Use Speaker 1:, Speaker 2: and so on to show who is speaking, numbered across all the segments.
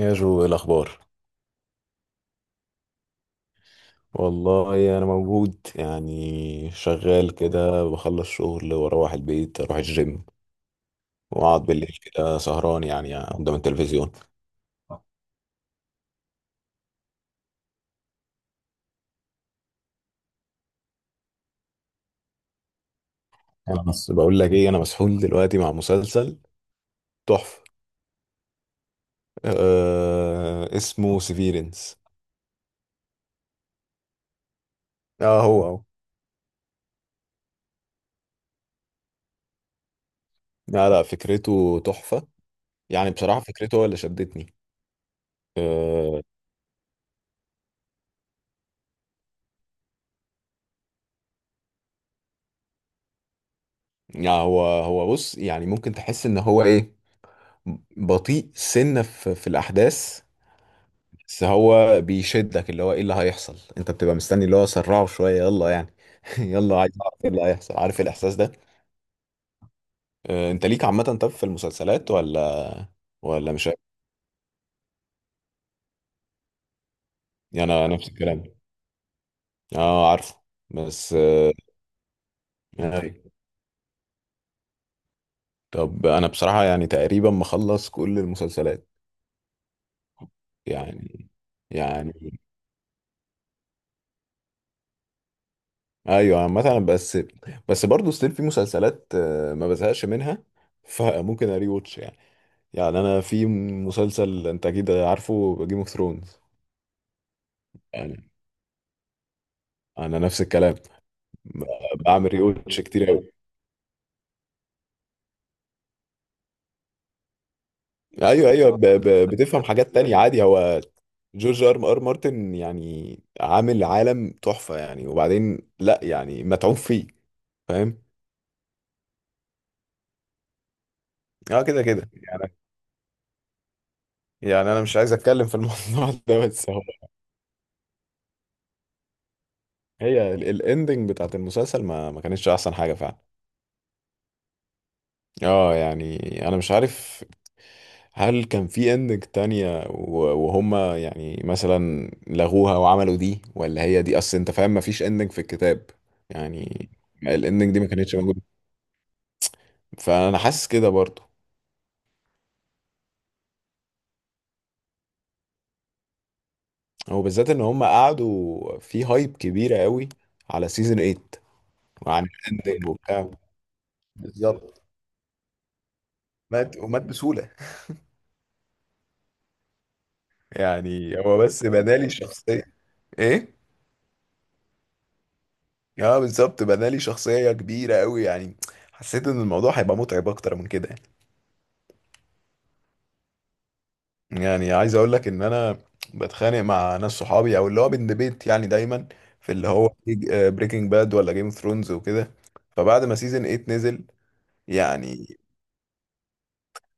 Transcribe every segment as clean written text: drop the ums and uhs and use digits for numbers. Speaker 1: يا جو، إيه الأخبار؟ والله أنا موجود يعني، شغال كده، بخلص شغل وأروح البيت، أروح الجيم، وأقعد بالليل كده سهران يعني قدام التلفزيون. أنا بس بقول لك إيه، أنا مسحول دلوقتي مع مسلسل تحفة. آه، اسمه سيفيرنس. آه، هو هو. لا لا، فكرته تحفة. يعني بصراحة فكرته هو اللي شدتني. آه. يعني هو بص، يعني ممكن تحس إن هو إيه، بطيء سنة في الأحداث. بس هو بيشدك، اللي هو ايه اللي هيحصل، انت بتبقى مستني اللي هو سرعه شويه، يلا يعني. يلا عايز اعرف ايه اللي هيحصل، عارف إيه الاحساس ده. آه، انت ليك عامه طب في المسلسلات ولا ولا مش عارف؟ يعني انا نفس الكلام. اه عارفه. بس يعني. طب انا بصراحه يعني تقريبا مخلص كل المسلسلات. يعني. يعني ايوه مثلا. بس بس برضه ستيل في مسلسلات ما بزهقش منها، فممكن اري واتش يعني. يعني انا في مسلسل، انت اكيد عارفه، جيم اوف ثرونز. يعني انا نفس الكلام. ب- بعمل ريوتش كتير قوي. ايوه ايوه، بتفهم حاجات تانية عادي. هو جورج ار ار مارتن يعني عامل عالم تحفة يعني، وبعدين لا يعني متعوب فيه. فاهم. اه كده كده يعني. يعني انا مش عايز اتكلم في الموضوع ده، بس هو هي الاندنج بتاعت المسلسل ما كانتش احسن حاجة فعلا. اه يعني انا مش عارف، هل كان في اندنج تانية وهم يعني مثلا لغوها وعملوا دي، ولا هي دي اصل؟ انت فاهم، مفيش اندنج في الكتاب يعني، الاندنج دي ما كانتش موجودة. فانا حاسس كده برضو. هو بالذات ان هم قعدوا في هايب كبيرة قوي على سيزون 8، وعن الاندنج وبتاع. بالظبط. مات ومات بسهولة. يعني هو بس بنالي الشخصية. ايه. اه بالظبط، بنالي شخصية كبيرة قوي يعني. حسيت ان الموضوع هيبقى متعب اكتر من كده يعني. يعني عايز اقول لك ان انا بتخانق مع ناس صحابي، او اللي هو بندبيت يعني، دايما في اللي هو بريكنج باد ولا جيم اوف ثرونز وكده. فبعد ما سيزون 8 نزل يعني،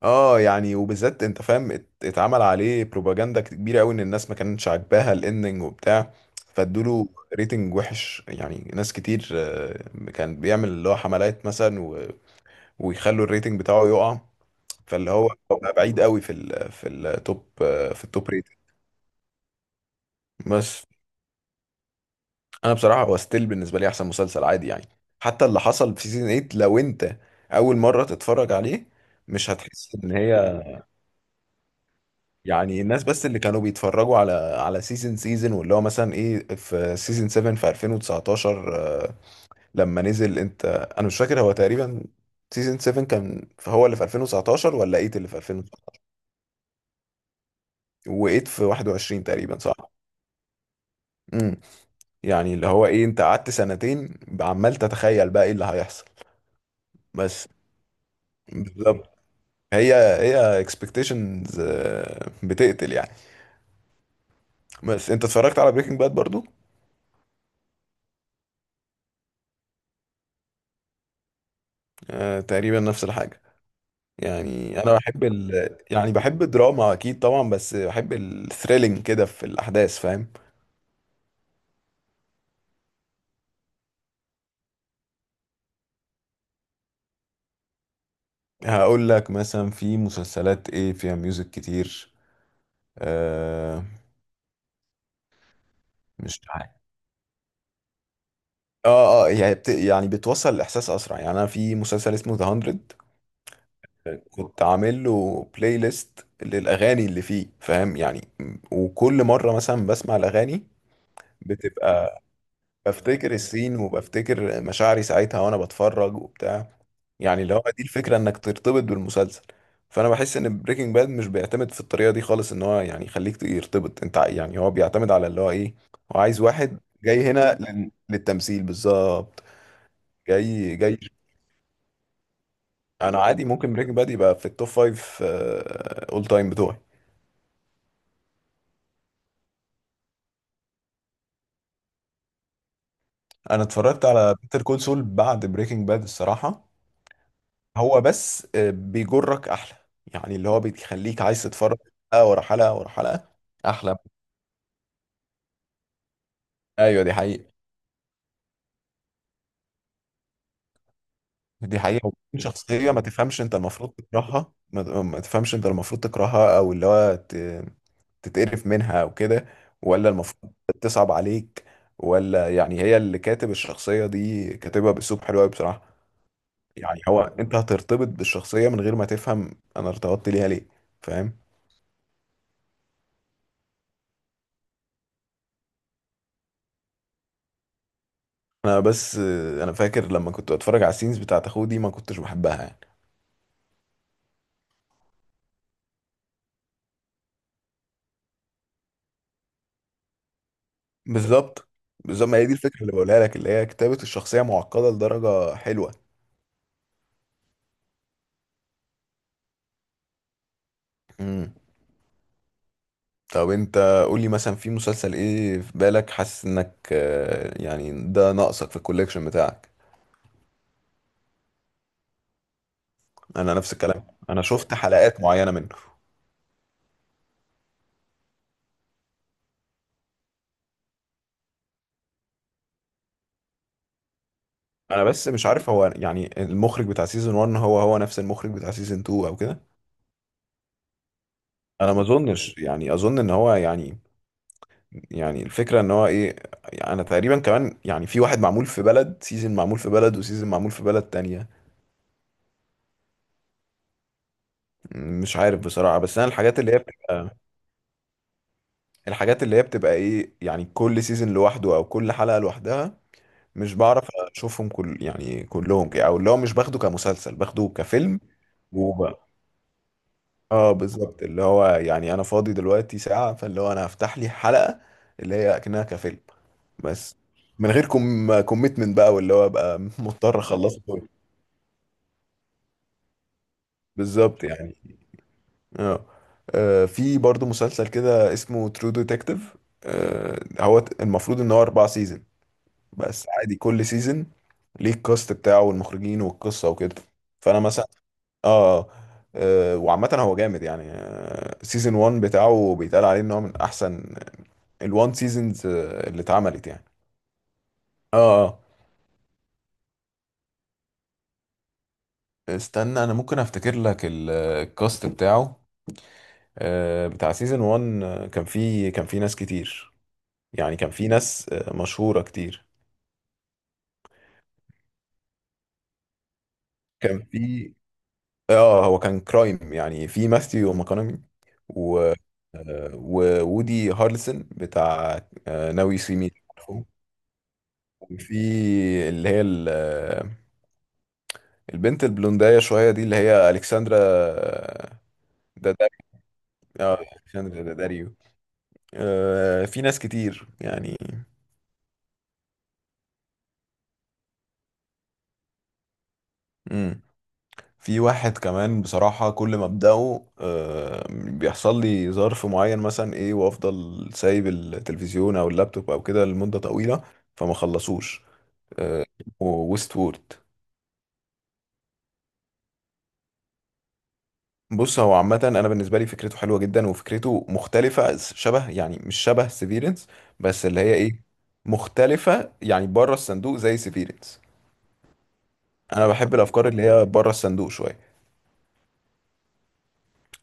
Speaker 1: اه يعني، وبالذات انت فاهم، اتعمل عليه بروباجندا كبيرة قوي ان الناس ما كانتش عاجباها الاندنج وبتاع. فادوله ريتنج وحش. يعني ناس كتير كان بيعمل اللي هو حملات مثلا، ويخلوا الريتنج بتاعه يقع. فاللي هو بقى بعيد قوي في ال في التوب، في التوب ريتنج. بس انا بصراحه هو ستيل بالنسبه لي احسن مسلسل عادي يعني. حتى اللي حصل في سيزون 8، لو انت اول مره تتفرج عليه مش هتحس ان هي. يعني الناس بس اللي كانوا بيتفرجوا على سيزون واللي هو مثلا ايه في سيزون 7 في 2019. آه، لما نزل انت، انا مش فاكر، هو تقريبا سيزون 7 كان هو اللي في 2019 ولا 8 اللي في 2019، و8 في 21 تقريبا صح. امم يعني اللي هو ايه، انت قعدت سنتين عمال تتخيل بقى ايه اللي هيحصل. بس بالظبط، هي اكسبكتيشنز بتقتل يعني. بس انت اتفرجت على بريكنج باد برضو. آه، تقريبا نفس الحاجة. يعني انا بحب يعني بحب الدراما اكيد طبعا، بس بحب الثريلينج كده في الاحداث فاهم. هقول لك مثلا في مسلسلات ايه فيها ميوزك كتير. آه. مش عارف. اه اه، يعني بتوصل الاحساس اسرع. يعني انا في مسلسل اسمه ذا 100، كنت عامل له بلاي ليست للاغاني اللي فيه، فاهم يعني، وكل مره مثلا بسمع الاغاني بتبقى بفتكر السين وبفتكر مشاعري ساعتها وانا بتفرج وبتاع. يعني اللي هو دي الفكره، انك ترتبط بالمسلسل. فانا بحس ان بريكنج باد مش بيعتمد في الطريقه دي خالص، ان هو يعني يخليك يرتبط انت، يعني هو بيعتمد على اللي هو ايه، هو عايز واحد جاي هنا للتمثيل بالظبط. جاي جاي. انا عادي، ممكن بريكنج باد يبقى في التوب فايف اول تايم بتوعي. انا اتفرجت على بيتر كول سول بعد بريكنج باد الصراحه. هو بس بيجرك احلى، يعني اللي هو بيخليك عايز تتفرج حلقه ورا حلقه ورا حلقه. احلى. ايوه دي حقيقه. دي حقيقه، وبعدين شخصيه ما تفهمش انت المفروض تكرهها، ما تفهمش انت المفروض تكرهها، او اللي هو تتقرف منها او كده، ولا المفروض تصعب عليك، ولا يعني. هي اللي كاتب الشخصيه دي كاتبها باسلوب حلو قوي بصراحه. يعني هو انت هترتبط بالشخصيه من غير ما تفهم انا ارتبطت ليها ليه، فاهم. انا بس انا فاكر لما كنت بتفرج على السينز بتاعت اخوه دي ما كنتش بحبها يعني. بالظبط. بالظبط ما هي دي الفكره اللي بقولها لك، اللي هي كتابه الشخصيه معقده لدرجه حلوه. امم طب انت قول لي مثلا في مسلسل ايه في بالك، حاسس انك يعني ده ناقصك في الكوليكشن بتاعك. انا نفس الكلام، انا شفت حلقات معينه منه. انا بس مش عارف، هو يعني المخرج بتاع سيزون 1 هو هو نفس المخرج بتاع سيزون 2 او كده. انا ما اظنش، يعني اظن ان هو يعني، يعني الفكرة ان هو ايه، يعني انا تقريبا كمان يعني في واحد معمول في بلد، سيزون معمول في بلد، وسيزون معمول في بلد تانية. مش عارف بصراحة. بس انا الحاجات اللي هي بتبقى، الحاجات اللي هي بتبقى ايه يعني، كل سيزون لوحده او كل حلقة لوحدها. مش بعرف اشوفهم كل يعني كلهم كده، او اللي هو مش باخده كمسلسل، باخده كفيلم. وب... اه بالظبط، اللي هو يعني انا فاضي دلوقتي ساعة، فاللي هو انا هفتح لي حلقة اللي هي اكنها كفيلم. بس من غير كوميتمنت بقى، واللي هو ابقى مضطر اخلصه. بالظبط يعني. اه. في برضو مسلسل كده اسمه ترو ديتكتيف. هو المفروض ان هو اربع سيزون، بس عادي كل سيزون ليه الكاست بتاعه والمخرجين والقصة وكده. فانا مثلا. اه وعامة هو جامد يعني. سيزون 1 بتاعه بيتقال عليه ان هو من احسن الوان سيزونز اللي اتعملت يعني. اه اه. استنى، انا ممكن افتكر لك الكاست بتاعه. آه، بتاع سيزون 1 كان فيه ناس كتير. يعني كان في ناس مشهورة كتير. كان في، اه هو كان كرايم. يعني في ماثيو ماكونامي و... وودي هارلسون بتاع ناوي سي مي. وفي اللي هي البنت البلونداية شوية دي، اللي هي ألكسندرا دا... دا... آه، ألكسندرا داداريو. آه، في ناس كتير يعني. مم. في واحد كمان بصراحة، كل ما ابدأه بيحصل لي ظرف معين مثلا ايه، وافضل سايب التلفزيون او اللابتوب او كده لمدة طويلة، فما خلصوش. ويست وورد. بص هو عامة انا بالنسبة لي فكرته حلوة جدا، وفكرته مختلفة، شبه يعني مش شبه سيفيرنس، بس اللي هي ايه، مختلفة يعني بره الصندوق زي سيفيرنس. انا بحب الافكار اللي هي بره الصندوق شوية.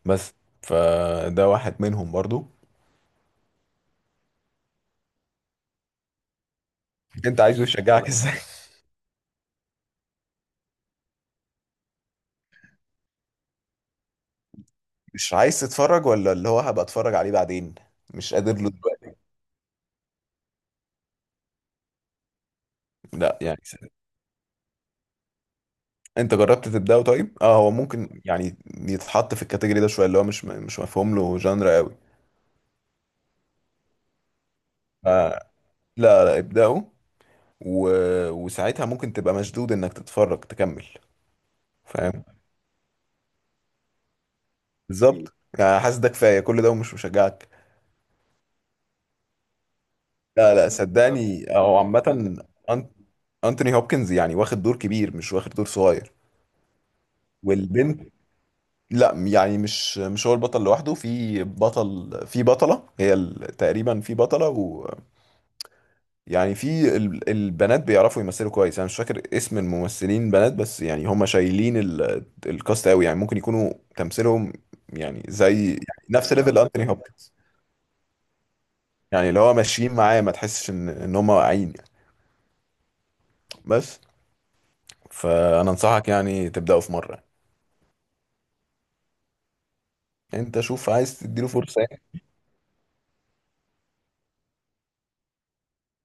Speaker 1: بس فده واحد منهم برضو. انت عايزه يشجعك ازاي؟ مش عايز تتفرج ولا اللي هو هبقى اتفرج عليه بعدين؟ مش قادر له دلوقتي؟ لا يعني انت جربت تبدأه طيب؟ اه هو ممكن يعني يتحط في الكاتيجوري ده شويه، اللي هو مش مفهوم له جانرا قوي. ف- لا لا، ابدأه و... وساعتها ممكن تبقى مشدود انك تتفرج تكمل. فاهم. بالظبط يعني، حاسس ده كفايه، كل ده ومش مشجعك. لا لا، صدقني هو عامه أنت. انتوني هوبكنز يعني واخد دور كبير، مش واخد دور صغير. والبنت، لا يعني مش هو البطل لوحده، في بطل في بطلة، هي تقريبا في بطلة، ويعني في البنات بيعرفوا يمثلوا كويس. انا مش فاكر اسم الممثلين بنات، بس يعني هم شايلين الكاست قوي. يعني ممكن يكونوا تمثيلهم يعني زي يعني نفس ليفل انتوني هوبكنز، يعني اللي هو ماشيين معاه ما تحسش ان هم واقعين يعني. بس فانا انصحك يعني تبدأوا في مرة. انت شوف، عايز تديله فرصة يعني.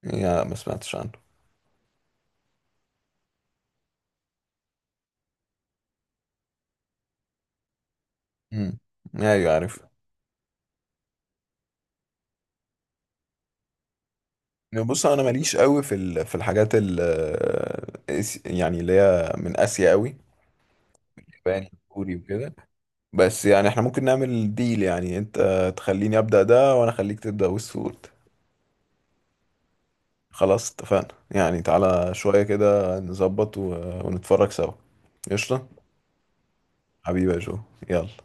Speaker 1: يعني ما سمعتش عنه. امم ايوه عارف. يعني بص انا ماليش قوي في في الحاجات يعني اللي هي من اسيا قوي. ياباني كوري وكده. بس يعني احنا ممكن نعمل ديل، يعني انت تخليني ابدا ده وانا اخليك تبدا ويستورد. خلاص اتفقنا، يعني تعالى شويه كده نظبط ونتفرج سوا. قشطه. حبيبي يا جو. يلا.